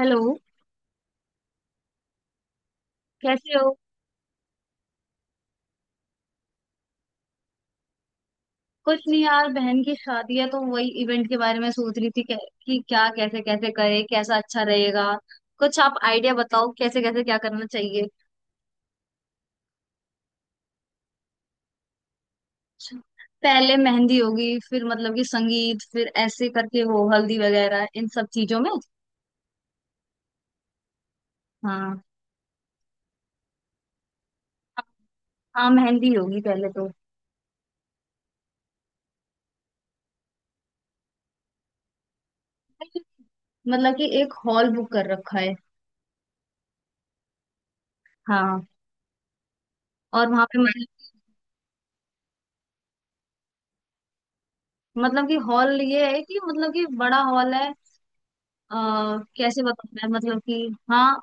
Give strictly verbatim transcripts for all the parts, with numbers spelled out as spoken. Hello. कैसे हो। कुछ नहीं यार, बहन की शादी है तो वही इवेंट के बारे में सोच रही थी कै- कि क्या, कैसे कैसे करे, कैसा अच्छा रहेगा। कुछ आप आइडिया बताओ, कैसे कैसे क्या करना चाहिए। पहले मेहंदी होगी फिर मतलब कि संगीत, फिर ऐसे करके वो हल्दी वगैरह इन सब चीजों में। हाँ। हाँ मेहंदी होगी पहले तो। मतलब कि एक हॉल बुक कर रखा है। हाँ। और वहां पे मत- मतलब कि हॉल ये है कि मतलब कि बड़ा हॉल है। आ, कैसे बताऊं मैं, मतलब कि। हाँ,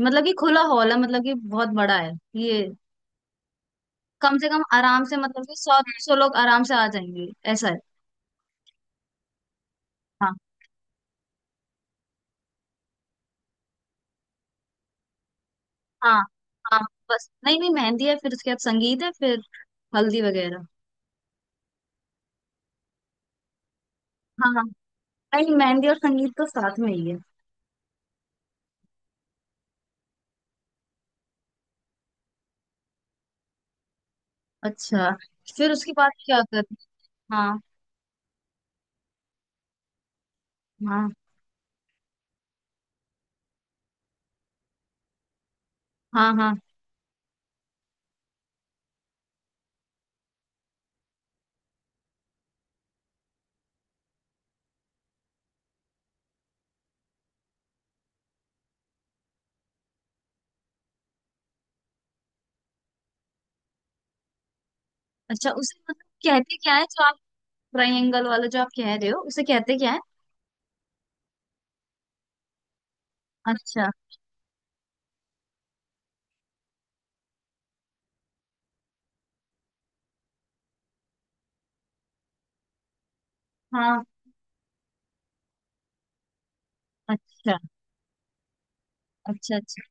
मतलब कि खुला हॉल है, मतलब कि बहुत बड़ा है ये। कम से कम आराम से मतलब कि सौ डेढ़ सौ लोग आराम से आ जाएंगे, ऐसा है। हाँ। हाँ। हाँ, बस नहीं। नहीं मेहंदी है फिर उसके बाद संगीत है फिर हल्दी वगैरह। हाँ हाँ। नहीं, मेहंदी और संगीत तो साथ में ही है। अच्छा, फिर उसके बाद क्या करते। हाँ। हाँ। हाँ। हाँ। अच्छा, उसे मतलब कहते क्या है, जो आप ट्राइंगल वाला जो आप कह रहे हो उसे कहते क्या है। अच्छा। हाँ। अच्छा। अच्छा। अच्छा।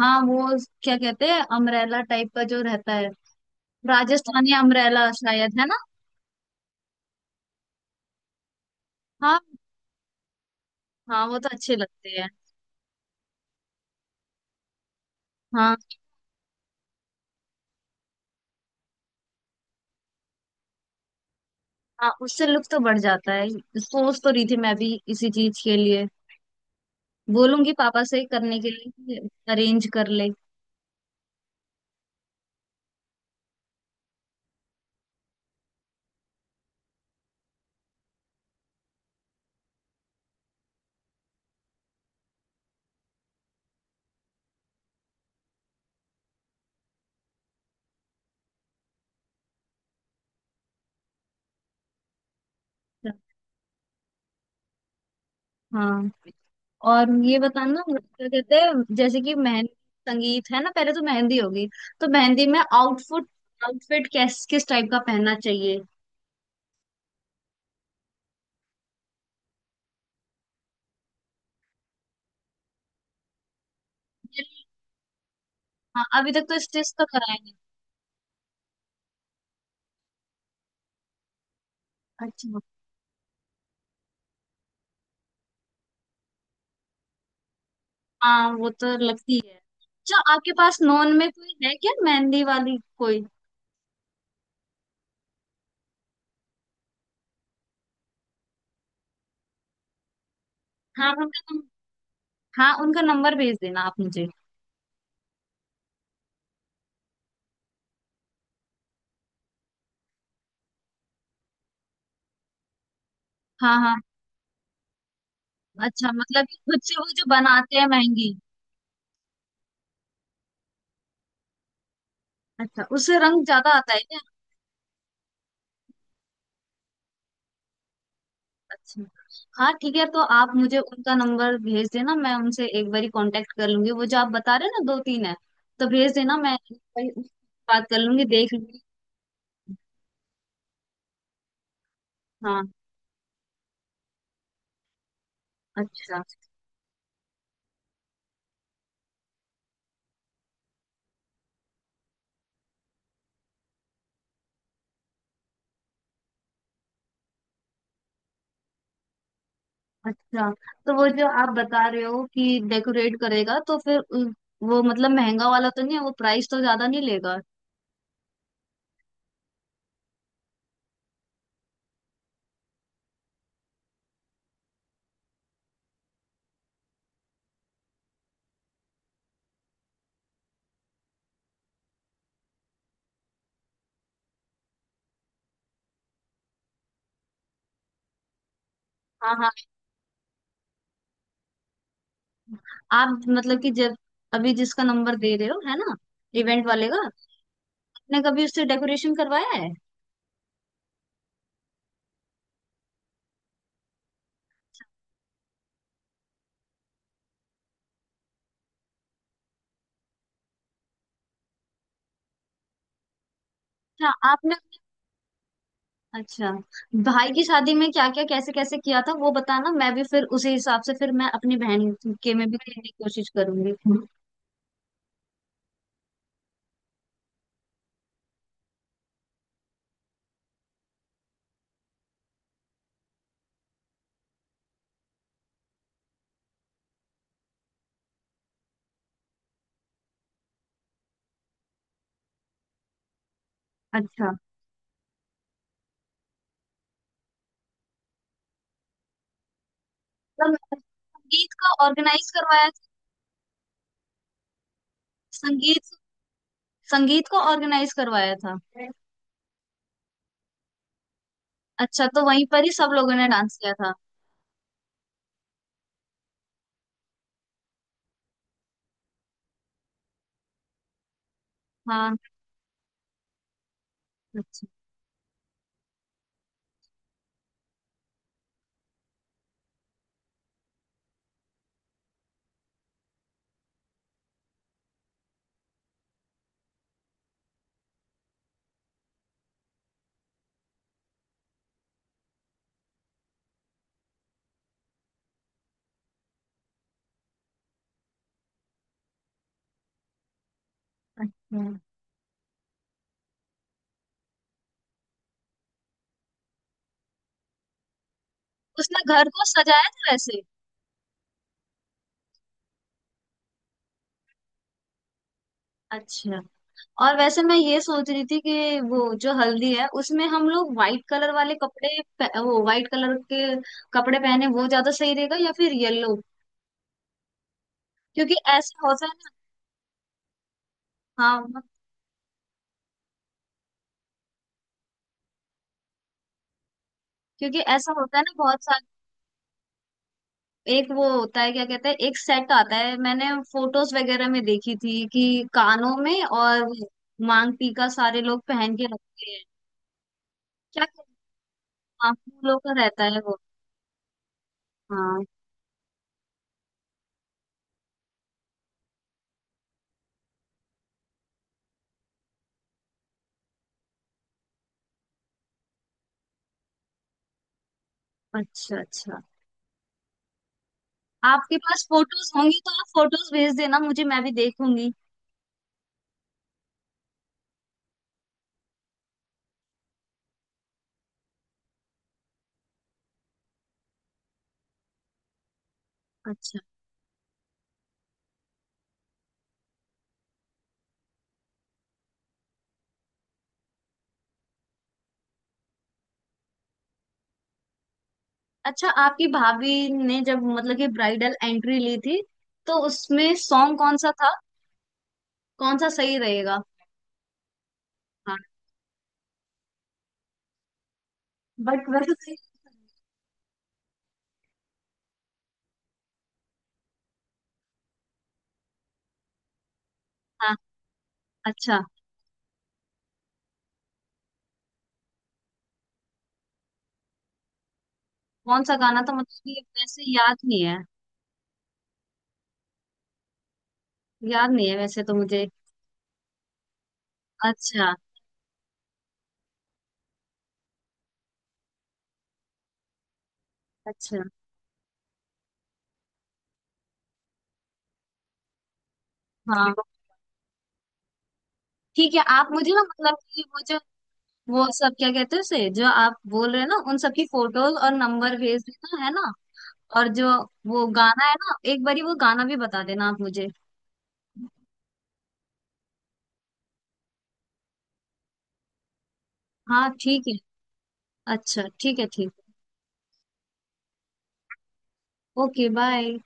हाँ वो क्या कहते हैं, अमरेला टाइप का जो रहता है। राजस्थानी अम्ब्रेला शायद है ना। हाँ। हाँ वो तो अच्छे लगते हैं। हाँ। हाँ उससे लुक तो बढ़ जाता है। सोच तो रही थी मैं भी इसी चीज के लिए, बोलूंगी पापा से करने के लिए, अरेंज कर ले। हाँ। और ये बताना क्या कहते हैं, जैसे कि मेहंदी संगीत है ना, पहले तो मेहंदी होगी, तो मेहंदी में आउटफुट आउटफिट किस किस टाइप का पहनना चाहिए। हाँ, अभी तक तो स्टिच तो कराया नहीं। अच्छा। हाँ वो तो लगती है। अच्छा आपके पास नॉन में कोई है क्या मेहंदी वाली कोई। हाँ उनका नम, हाँ उनका नंबर भेज देना आप मुझे। हाँ। हाँ। अच्छा, मतलब कि खुद से वो जो बनाते हैं महंगी। अच्छा उससे रंग ज्यादा आता है क्या। अच्छा। हाँ ठीक है, तो आप मुझे उनका नंबर भेज देना, मैं उनसे एक बार कांटेक्ट कर लूंगी, वो जो आप बता रहे हैं ना दो तीन है, तो भेज देना, मैं एक बारी उनसे बात कर लूंगी, देख लूंगी। हाँ। अच्छा। अच्छा तो वो जो आप बता रहे हो कि डेकोरेट करेगा, तो फिर उ- वो मतलब महंगा वाला तो नहीं है, वो प्राइस तो ज्यादा नहीं लेगा। हाँ। हाँ। आप मतलब कि जब अभी जिसका नंबर दे रहे हो है ना, इवेंट वाले का, आपने कभी उससे डेकोरेशन करवाया है। अच्छा आपने, अच्छा भाई की शादी में क्या क्या, कैसे कैसे किया था वो बताना, मैं भी फिर उसी हिसाब से फिर मैं अपनी बहन के में भी करने की कोशिश करूंगी। अच्छा, तो मैं- संगीत का ऑर्गेनाइज करवाया था। संगीत, संगीत को ऑर्गेनाइज करवाया था। अच्छा, तो वहीं पर ही सब लोगों ने डांस किया था। हाँ। अच्छा। अच्छा उसने घर को सजाया था वैसे। अच्छा, और वैसे मैं ये सोच रही थी कि वो जो हल्दी है उसमें हम लोग व्हाइट कलर वाले कपड़े पह- वो व्हाइट कलर के कपड़े पहने, वो ज्यादा सही रहेगा या फिर येलो, क्योंकि ऐसा होता है ना। हाँ, क्योंकि ऐसा होता है ना, बहुत सारे एक वो होता है क्या कहते हैं, एक सेट आता है, मैंने फोटोज वगैरह में देखी थी कि कानों में और मांग टीका सारे लोग पहन के रखते हैं। क्या। हाँ फूलों का रहता है वो। हाँ। अच्छा अच्छा। आपके पास फोटोज होंगी तो आप फोटोज भेज देना मुझे, मैं भी देखूंगी। अच्छा। अच्छा आपकी भाभी ने जब मतलब कि ब्राइडल एंट्री ली थी तो उसमें सॉन्ग कौन सा था, कौन सा सही रहेगा। हाँ। बट वैसे सही। हाँ। अच्छा कौन सा गाना था मतलब कि वैसे याद नहीं है। याद नहीं है वैसे तो मुझे। अच्छा। अच्छा। हाँ ठीक है, आप मुझे ना मतलब कि वो जो, वो सब क्या कहते हैं उसे जो आप बोल रहे हैं ना, उन सबकी फोटोज और नंबर भेज देना है ना, और जो वो गाना है ना, एक बारी वो गाना भी बता देना आप मुझे। हाँ ठीक है। अच्छा ठीक है, ठीक। Okay bye.